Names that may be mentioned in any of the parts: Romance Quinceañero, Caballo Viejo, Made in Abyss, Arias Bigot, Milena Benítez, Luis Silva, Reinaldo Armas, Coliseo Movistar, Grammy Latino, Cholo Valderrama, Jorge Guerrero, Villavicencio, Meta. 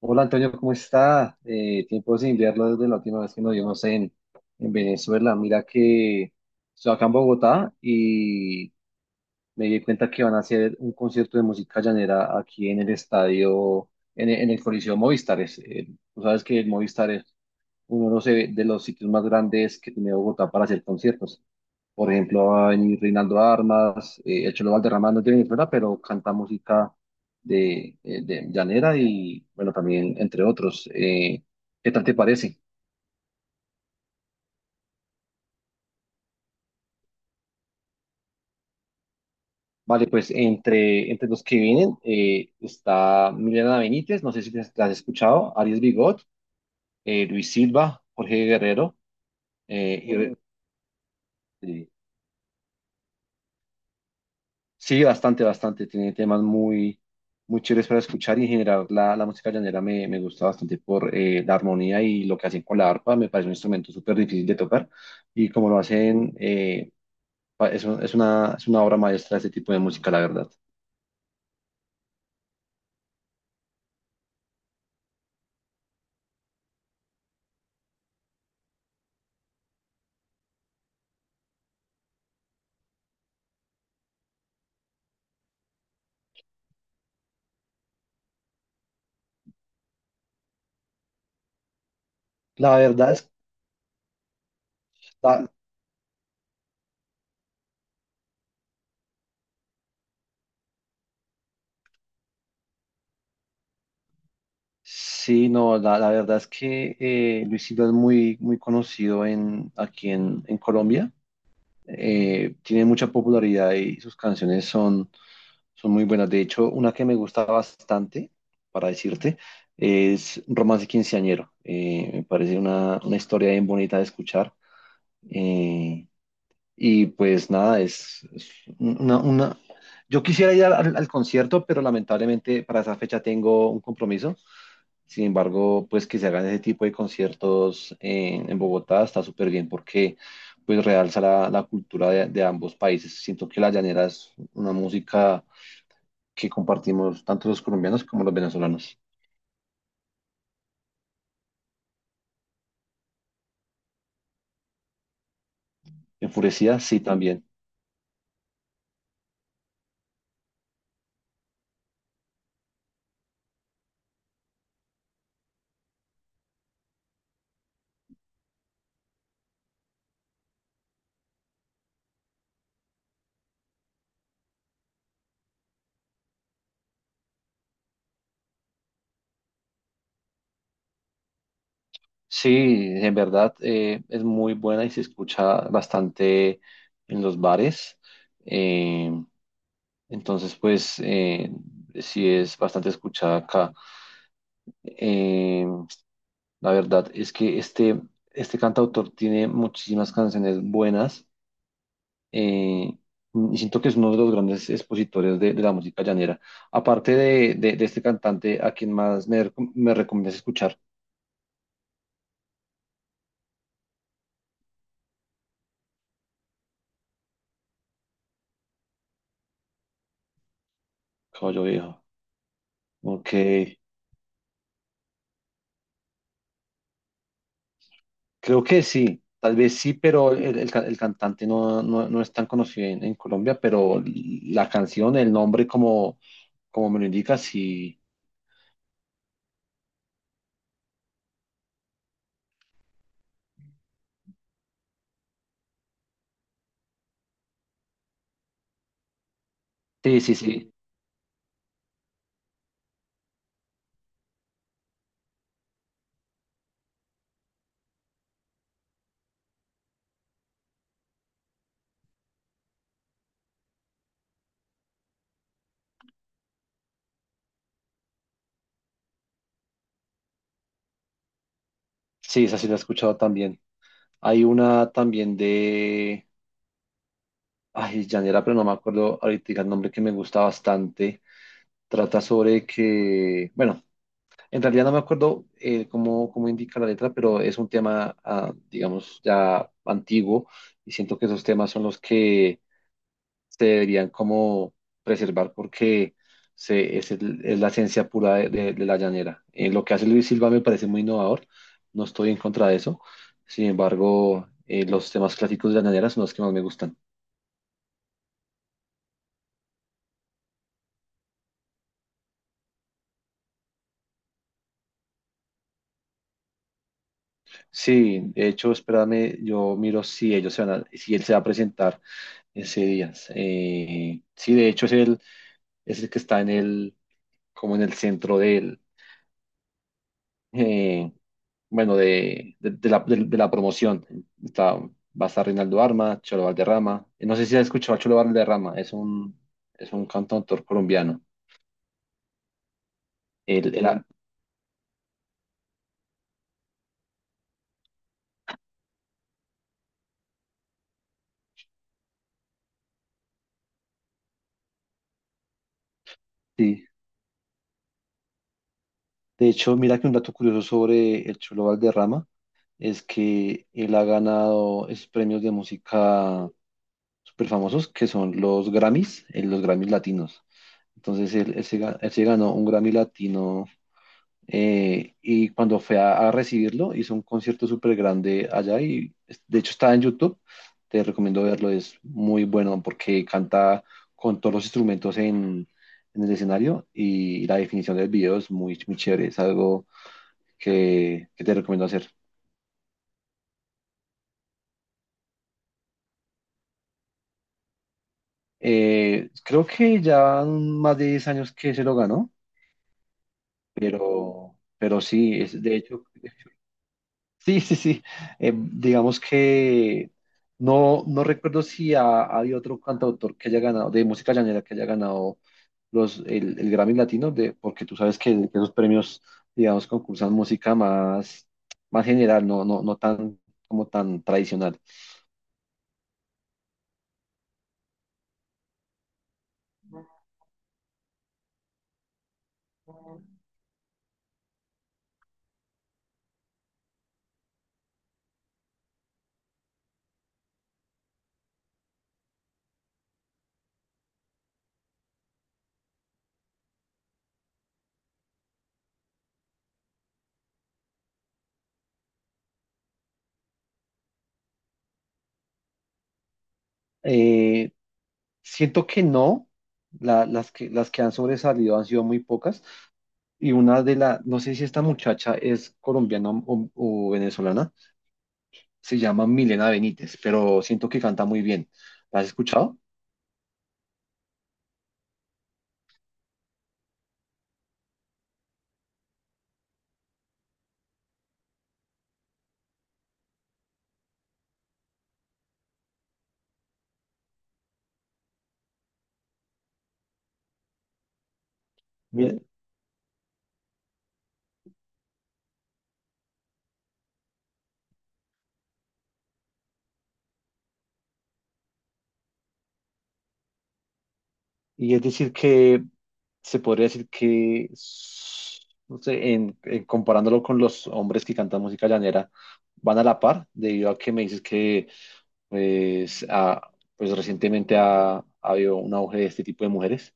Hola Antonio, ¿cómo está? Tiempo sin verlo desde la última vez que nos vimos en Venezuela. Mira que estoy acá en Bogotá y me di cuenta que van a hacer un concierto de música llanera aquí en el estadio, en el Coliseo Movistar. Tú sabes que el Movistar es uno de de los sitios más grandes que tiene Bogotá para hacer conciertos. Por ejemplo, va a venir Reinaldo Armas, el Cholo Valderrama no tiene ni fuera, pero canta música de llanera y, bueno, también entre otros. ¿Qué tal te parece? Vale, pues entre los que vienen está Milena Benítez, no sé si la has escuchado, Arias Bigot, Luis Silva, Jorge Guerrero, eh, y, sí. Sí, bastante, bastante. Tiene temas muy, muy chéveres para escuchar y en general la música llanera me gusta bastante por la armonía y lo que hacen con la arpa. Me parece un instrumento súper difícil de tocar y como lo hacen, es una obra maestra ese tipo de música, la verdad. La verdad es, la- sí, no, la verdad es que Luis Silva es muy, muy conocido aquí en Colombia. Tiene mucha popularidad y sus canciones son muy buenas. De hecho, una que me gusta bastante, para decirte, es Romance Quinceañero. Me parece una historia bien bonita de escuchar. Eh, y pues nada, una, una- yo quisiera ir al concierto, pero lamentablemente para esa fecha tengo un compromiso. Sin embargo, pues que se hagan ese tipo de conciertos en Bogotá está súper bien porque pues realza la cultura de ambos países. Siento que la llanera es una música que compartimos tanto los colombianos como los venezolanos. Enfurecida, sí, también. Sí, en verdad es muy buena y se escucha bastante en los bares. Eh, entonces, sí es bastante escuchada acá. Eh, la verdad es que este cantautor tiene muchísimas canciones buenas eh, y siento que es uno de los grandes expositores de la música llanera. Aparte de este cantante, ¿a quien más me recomiendas escuchar? Caballo Viejo. Ok, creo que sí, tal vez sí, pero el cantante no, no es tan conocido en Colombia, pero la canción, el nombre, como, como me lo indica, sí, sí, sí, sí, sí, esa sí la he escuchado también. Hay una también ay, llanera, pero no me acuerdo ahorita el nombre que me gusta bastante. Trata sobre que, bueno, en realidad no me acuerdo cómo, cómo indica la letra, pero es un tema, ah, digamos, ya antiguo y siento que esos temas son los que se deberían como preservar porque es la esencia pura de la llanera. Lo que hace Luis Silva me parece muy innovador, no estoy en contra de eso, sin embargo, los temas clásicos de la llanera son los que más me gustan. Sí, de hecho, espérame, yo miro si ellos se si él se va a presentar Ese Díaz. Sí, de hecho es el que está en el, como en el centro del, eh, bueno, de la promoción. Está, va a estar Reinaldo Arma, Cholo Valderrama. No sé si has escuchado a Cholo Valderrama, es un, cantautor colombiano. Él- él ha- sí. De hecho, mira que un dato curioso sobre el Cholo Valderrama es que él ha ganado esos premios de música súper famosos que son los Grammys latinos. Entonces él se ganó un Grammy Latino y cuando fue a recibirlo hizo un concierto súper grande allá y de hecho está en YouTube. Te recomiendo verlo, es muy bueno porque canta con todos los instrumentos en el escenario y la definición del video es muy, muy chévere, es algo que te recomiendo hacer. Creo que ya más de 10 años que se lo ganó, pero sí, es, de hecho sí, sí, sí. Digamos que no, no recuerdo si hay otro cantautor que haya ganado, de música llanera, que haya ganado el Grammy Latino, de, porque tú sabes que esos premios, digamos, concursan música más, más general, no tan, como tan tradicional. Eh, Siento que no, las que han sobresalido han sido muy pocas, y una de las, no sé si esta muchacha es colombiana o venezolana se llama Milena Benítez, pero siento que canta muy bien. ¿La has escuchado? Bien. Y es decir que se podría decir que, no sé, en comparándolo con los hombres que cantan música llanera, van a la par, debido a que me dices que pues, pues recientemente ha habido un auge de este tipo de mujeres.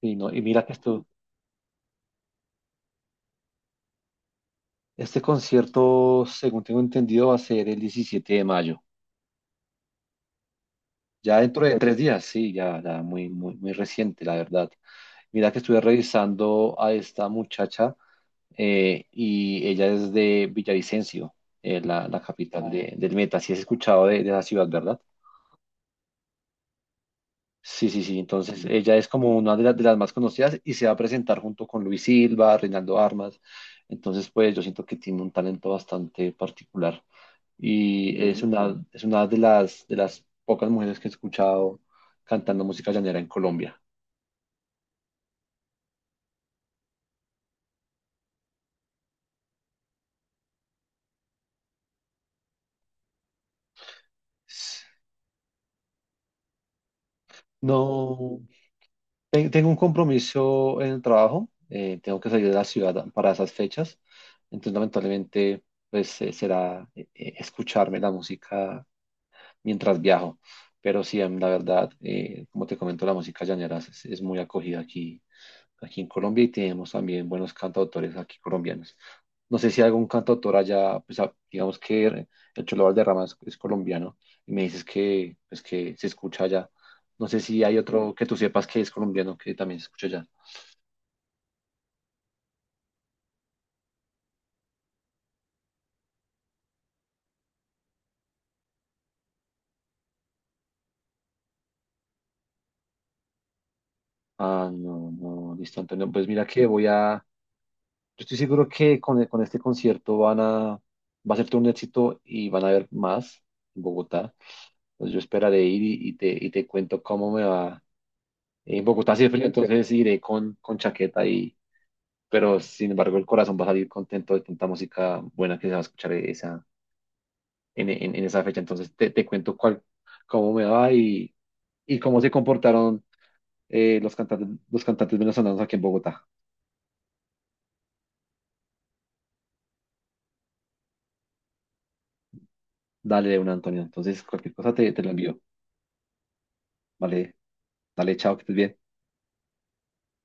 Y, no, y mira que esto, este concierto, según tengo entendido, va a ser el 17 de mayo. Ya dentro de tres días, sí, ya, ya muy, muy, muy reciente, la verdad. Mira que estuve revisando a esta muchacha y ella es de Villavicencio, la capital del Meta. Si has escuchado de la ciudad, ¿verdad? Sí, sí, sí. Entonces ella es como una las de las más conocidas y se va a presentar junto con Luis Silva, Reinaldo Armas. Entonces, pues yo siento que tiene un talento bastante particular y es una de las pocas mujeres que he escuchado cantando música llanera en Colombia. No, tengo un compromiso en el trabajo, tengo que salir de la ciudad para esas fechas, entonces lamentablemente pues será escucharme la música mientras viajo. Pero sí, la verdad, como te comento, la música llanera es muy acogida aquí, en Colombia y tenemos también buenos cantautores aquí colombianos. No sé si hay algún cantautor allá, pues digamos que el Cholo Valderrama es colombiano y me dices que, pues, que se escucha allá. No sé si hay otro que tú sepas que es colombiano que también se escucha allá. Ah, no, no, listo, Antonio. Pues mira que yo estoy seguro que con este concierto va a ser todo un éxito y van a haber más en Bogotá. Entonces yo esperaré ir y te cuento cómo me va. En Bogotá hace frío, entonces iré con chaqueta pero sin embargo el corazón va a salir contento de tanta música buena que se va a escuchar en esa fecha. Entonces te cuento cómo me va y cómo se comportaron los cantantes, venezolanos aquí en Bogotá. Dale de una, Antonio. Entonces cualquier cosa te lo envío. Vale. Dale, chao, que estés bien.